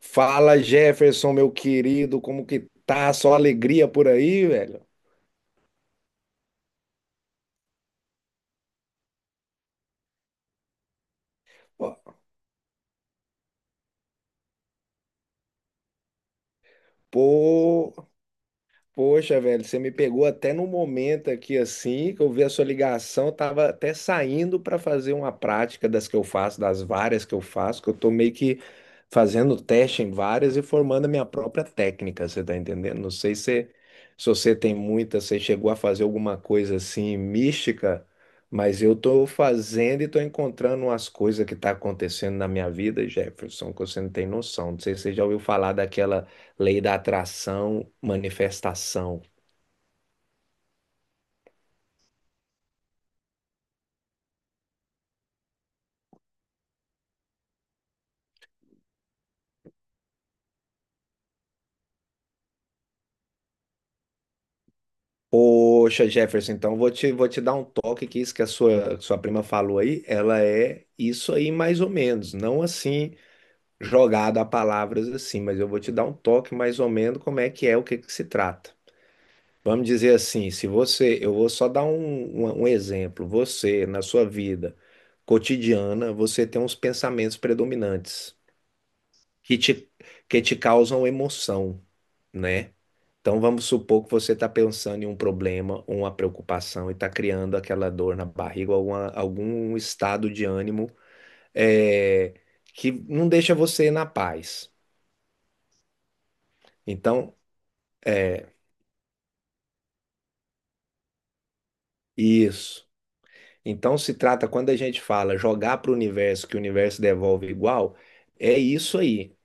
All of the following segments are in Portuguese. Fala, Jefferson, meu querido, como que tá? Só alegria por aí, velho? Ó. Pô. Poxa, velho, você me pegou até no momento aqui assim, que eu vi a sua ligação, eu tava até saindo para fazer uma prática das que eu faço, das várias que eu faço, que eu tô meio que fazendo teste em várias e formando a minha própria técnica, você tá entendendo? Não sei se você tem muita, você chegou a fazer alguma coisa assim mística, mas eu tô fazendo e tô encontrando umas coisas que tá acontecendo na minha vida, Jefferson, que você não tem noção. Não sei se você já ouviu falar daquela lei da atração, manifestação. Poxa, Jefferson, então vou te dar um toque que isso que a sua prima falou aí, ela é isso aí mais ou menos, não assim jogada a palavras assim, mas eu vou te dar um toque mais ou menos como é que é, o que que se trata. Vamos dizer assim, se você, eu vou só dar um exemplo, você, na sua vida cotidiana, você tem uns pensamentos predominantes que te, que te causam emoção, né? Então vamos supor que você está pensando em um problema, uma preocupação e está criando aquela dor na barriga, algum estado de ânimo é, que não deixa você na paz. Então, é isso. Então se trata, quando a gente fala jogar para o universo, que o universo devolve igual, é isso aí.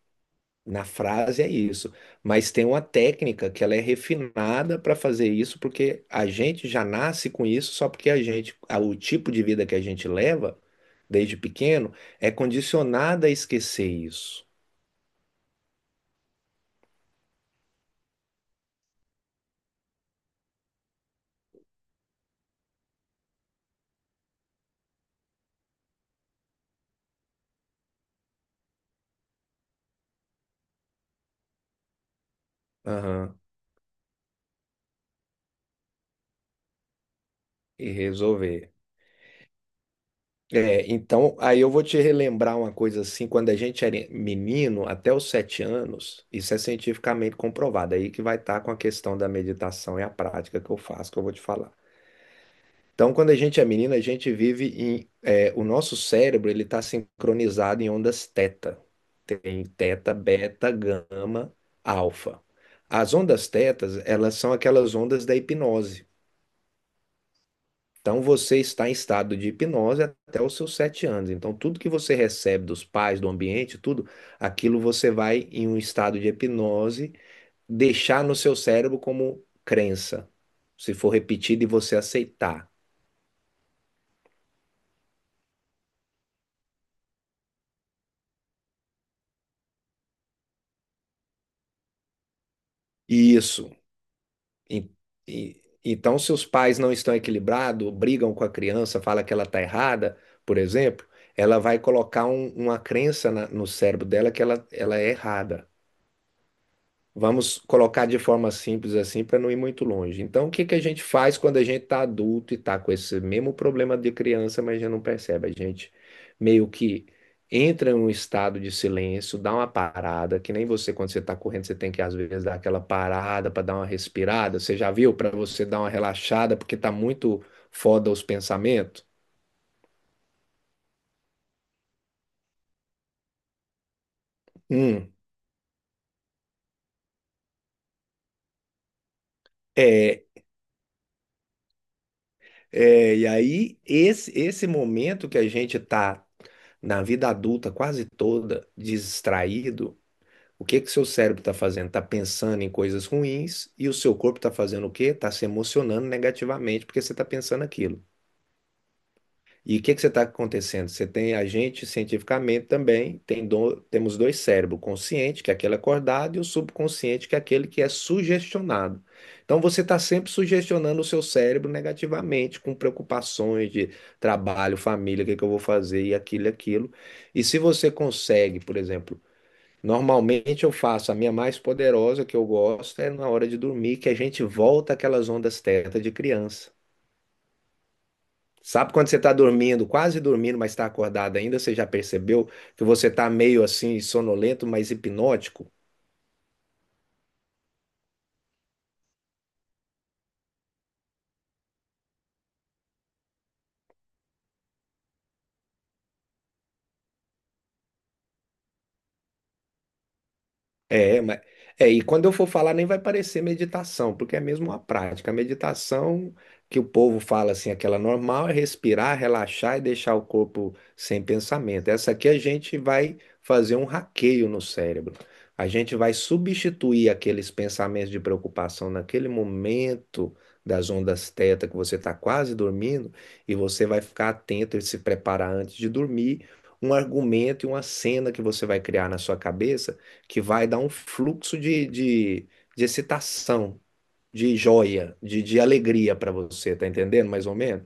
Na frase é isso, mas tem uma técnica que ela é refinada para fazer isso, porque a gente já nasce com isso, só porque a gente, o tipo de vida que a gente leva desde pequeno é condicionada a esquecer isso. Aham, e resolver. É, então, aí eu vou te relembrar uma coisa assim, quando a gente era menino, até os 7 anos, isso é cientificamente comprovado, aí que vai estar com a questão da meditação e a prática que eu faço, que eu vou te falar. Então, quando a gente é menina, a gente o nosso cérebro ele está sincronizado em ondas teta. Tem teta, beta, gama, alfa. As ondas tetas, elas são aquelas ondas da hipnose. Então, você está em estado de hipnose até os seus 7 anos. Então, tudo que você recebe dos pais, do ambiente, tudo, aquilo você vai, em um estado de hipnose, deixar no seu cérebro como crença. Se for repetido e você aceitar. Isso. E- então, se os pais não estão equilibrados, brigam com a criança, fala que ela está errada, por exemplo, ela vai colocar um- uma crença na- no cérebro dela que ela é errada. Vamos colocar de forma simples assim para não ir muito longe. Então, o que que a gente faz quando a gente está adulto e está com esse mesmo problema de criança, mas já não percebe? A gente meio que entra em um estado de silêncio, dá uma parada, que nem você, quando você está correndo, você tem que às vezes dar aquela parada para dar uma respirada. Você já viu? Para você dar uma relaxada, porque está muito foda os pensamentos. Hum. é, É, e aí, esse momento que a gente está na vida adulta quase toda, distraído, o que que seu cérebro está fazendo? Está pensando em coisas ruins e o seu corpo está fazendo o quê? Está se emocionando negativamente porque você está pensando aquilo. E o que é que você está acontecendo? Você tem a gente cientificamente também, temos dois cérebros, o consciente, que é aquele acordado, e o subconsciente, que é aquele que é sugestionado. Então você está sempre sugestionando o seu cérebro negativamente, com preocupações de trabalho, família, o que é que eu vou fazer, e aquilo, e aquilo. E se você consegue, por exemplo, normalmente eu faço a minha mais poderosa que eu gosto é na hora de dormir, que a gente volta àquelas ondas teta de criança. Sabe quando você está dormindo, quase dormindo, mas está acordado ainda? Você já percebeu que você está meio assim, sonolento, mas hipnótico? É, mas é, e quando eu for falar nem vai parecer meditação, porque é mesmo uma prática. A meditação que o povo fala assim, aquela normal, é respirar, relaxar e deixar o corpo sem pensamento. Essa aqui a gente vai fazer um hackeio no cérebro. A gente vai substituir aqueles pensamentos de preocupação naquele momento das ondas teta que você está quase dormindo e você vai ficar atento e se preparar antes de dormir. Um argumento e uma cena que você vai criar na sua cabeça que vai dar um fluxo de excitação, de joia, de alegria para você, tá entendendo mais ou menos?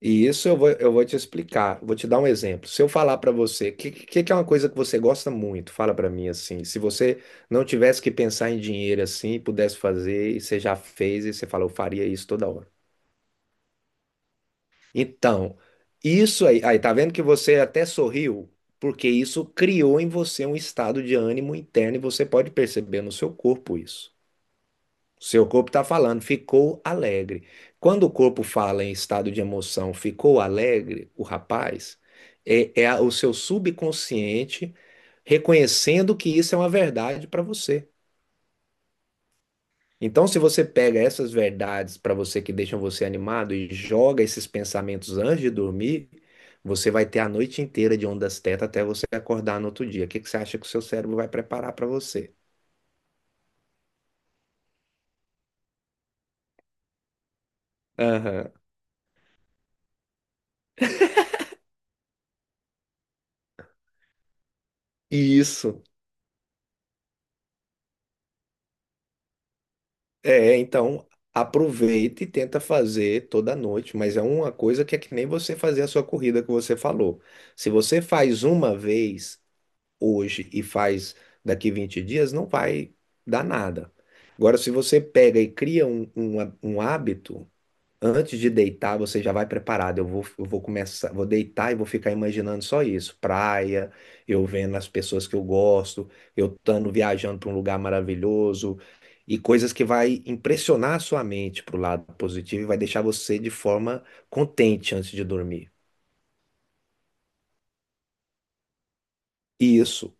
E isso eu vou te explicar, vou te dar um exemplo. Se eu falar para você, o que é uma coisa que você gosta muito? Fala para mim assim. Se você não tivesse que pensar em dinheiro assim, pudesse fazer, e você já fez, e você fala, eu faria isso toda hora. Então, isso aí, aí, tá vendo que você até sorriu? Porque isso criou em você um estado de ânimo interno e você pode perceber no seu corpo isso. Seu corpo está falando, ficou alegre. Quando o corpo fala em estado de emoção, ficou alegre, o rapaz, o seu subconsciente reconhecendo que isso é uma verdade para você. Então, se você pega essas verdades para você que deixam você animado e joga esses pensamentos antes de dormir, você vai ter a noite inteira de ondas teta até você acordar no outro dia. O que que você acha que o seu cérebro vai preparar para você? Aham. Isso. É, então aproveita e tenta fazer toda noite, mas é uma coisa que é que nem você fazer a sua corrida que você falou. Se você faz uma vez hoje e faz daqui 20 dias, não vai dar nada. Agora, se você pega e cria um hábito. Antes de deitar, você já vai preparado. Eu vou começar, vou deitar e vou ficar imaginando só isso. Praia, eu vendo as pessoas que eu gosto, eu estando viajando para um lugar maravilhoso e coisas que vai impressionar a sua mente para o lado positivo e vai deixar você de forma contente antes de dormir. Isso,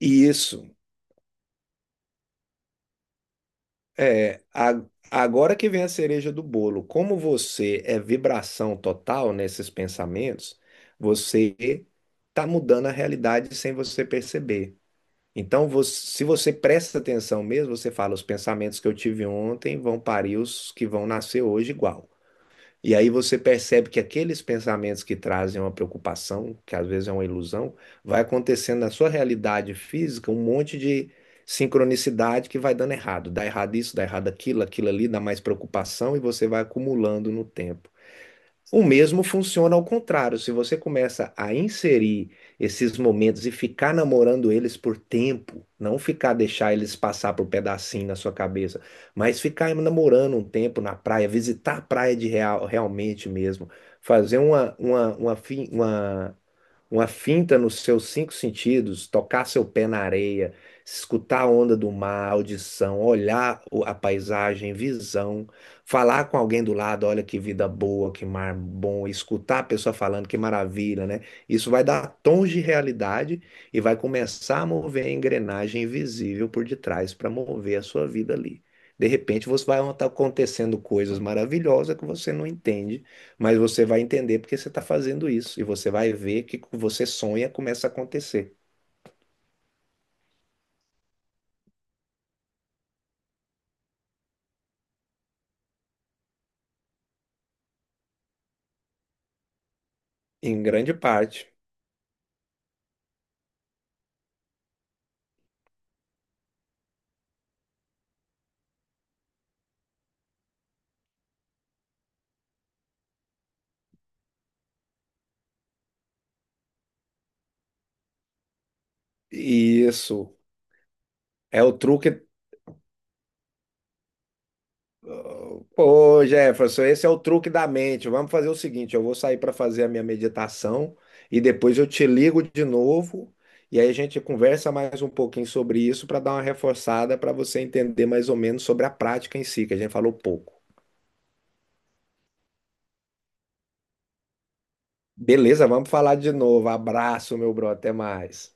isso. É, a- Agora que vem a cereja do bolo, como você é vibração total nesses pensamentos, você está mudando a realidade sem você perceber. Então, você, se você presta atenção mesmo, você fala, os pensamentos que eu tive ontem vão parir os que vão nascer hoje igual. E aí você percebe que aqueles pensamentos que trazem uma preocupação, que às vezes é uma ilusão, vai acontecendo na sua realidade física um monte de sincronicidade que vai dando errado. Dá errado isso, dá errado aquilo, aquilo ali, dá mais preocupação e você vai acumulando no tempo. O mesmo funciona ao contrário. Se você começa a inserir esses momentos e ficar namorando eles por tempo, não ficar deixar eles passar por pedacinho na sua cabeça, mas ficar namorando um tempo na praia, visitar a praia de real, realmente mesmo, fazer uma finta nos seus cinco sentidos, tocar seu pé na areia, escutar a onda do mar, audição, olhar a paisagem, visão, falar com alguém do lado, olha que vida boa, que mar bom, escutar a pessoa falando, que maravilha, né? Isso vai dar tons de realidade e vai começar a mover a engrenagem invisível por detrás para mover a sua vida ali. De repente, você vai estar acontecendo coisas maravilhosas que você não entende, mas você vai entender porque você está fazendo isso. E você vai ver que o que você sonha começa a acontecer. Em grande parte. E isso é o truque. Pô, Jefferson, esse é o truque da mente. Vamos fazer o seguinte: eu vou sair para fazer a minha meditação e depois eu te ligo de novo. E aí a gente conversa mais um pouquinho sobre isso para dar uma reforçada para você entender mais ou menos sobre a prática em si, que a gente falou pouco. Beleza, vamos falar de novo. Abraço, meu bro. Até mais.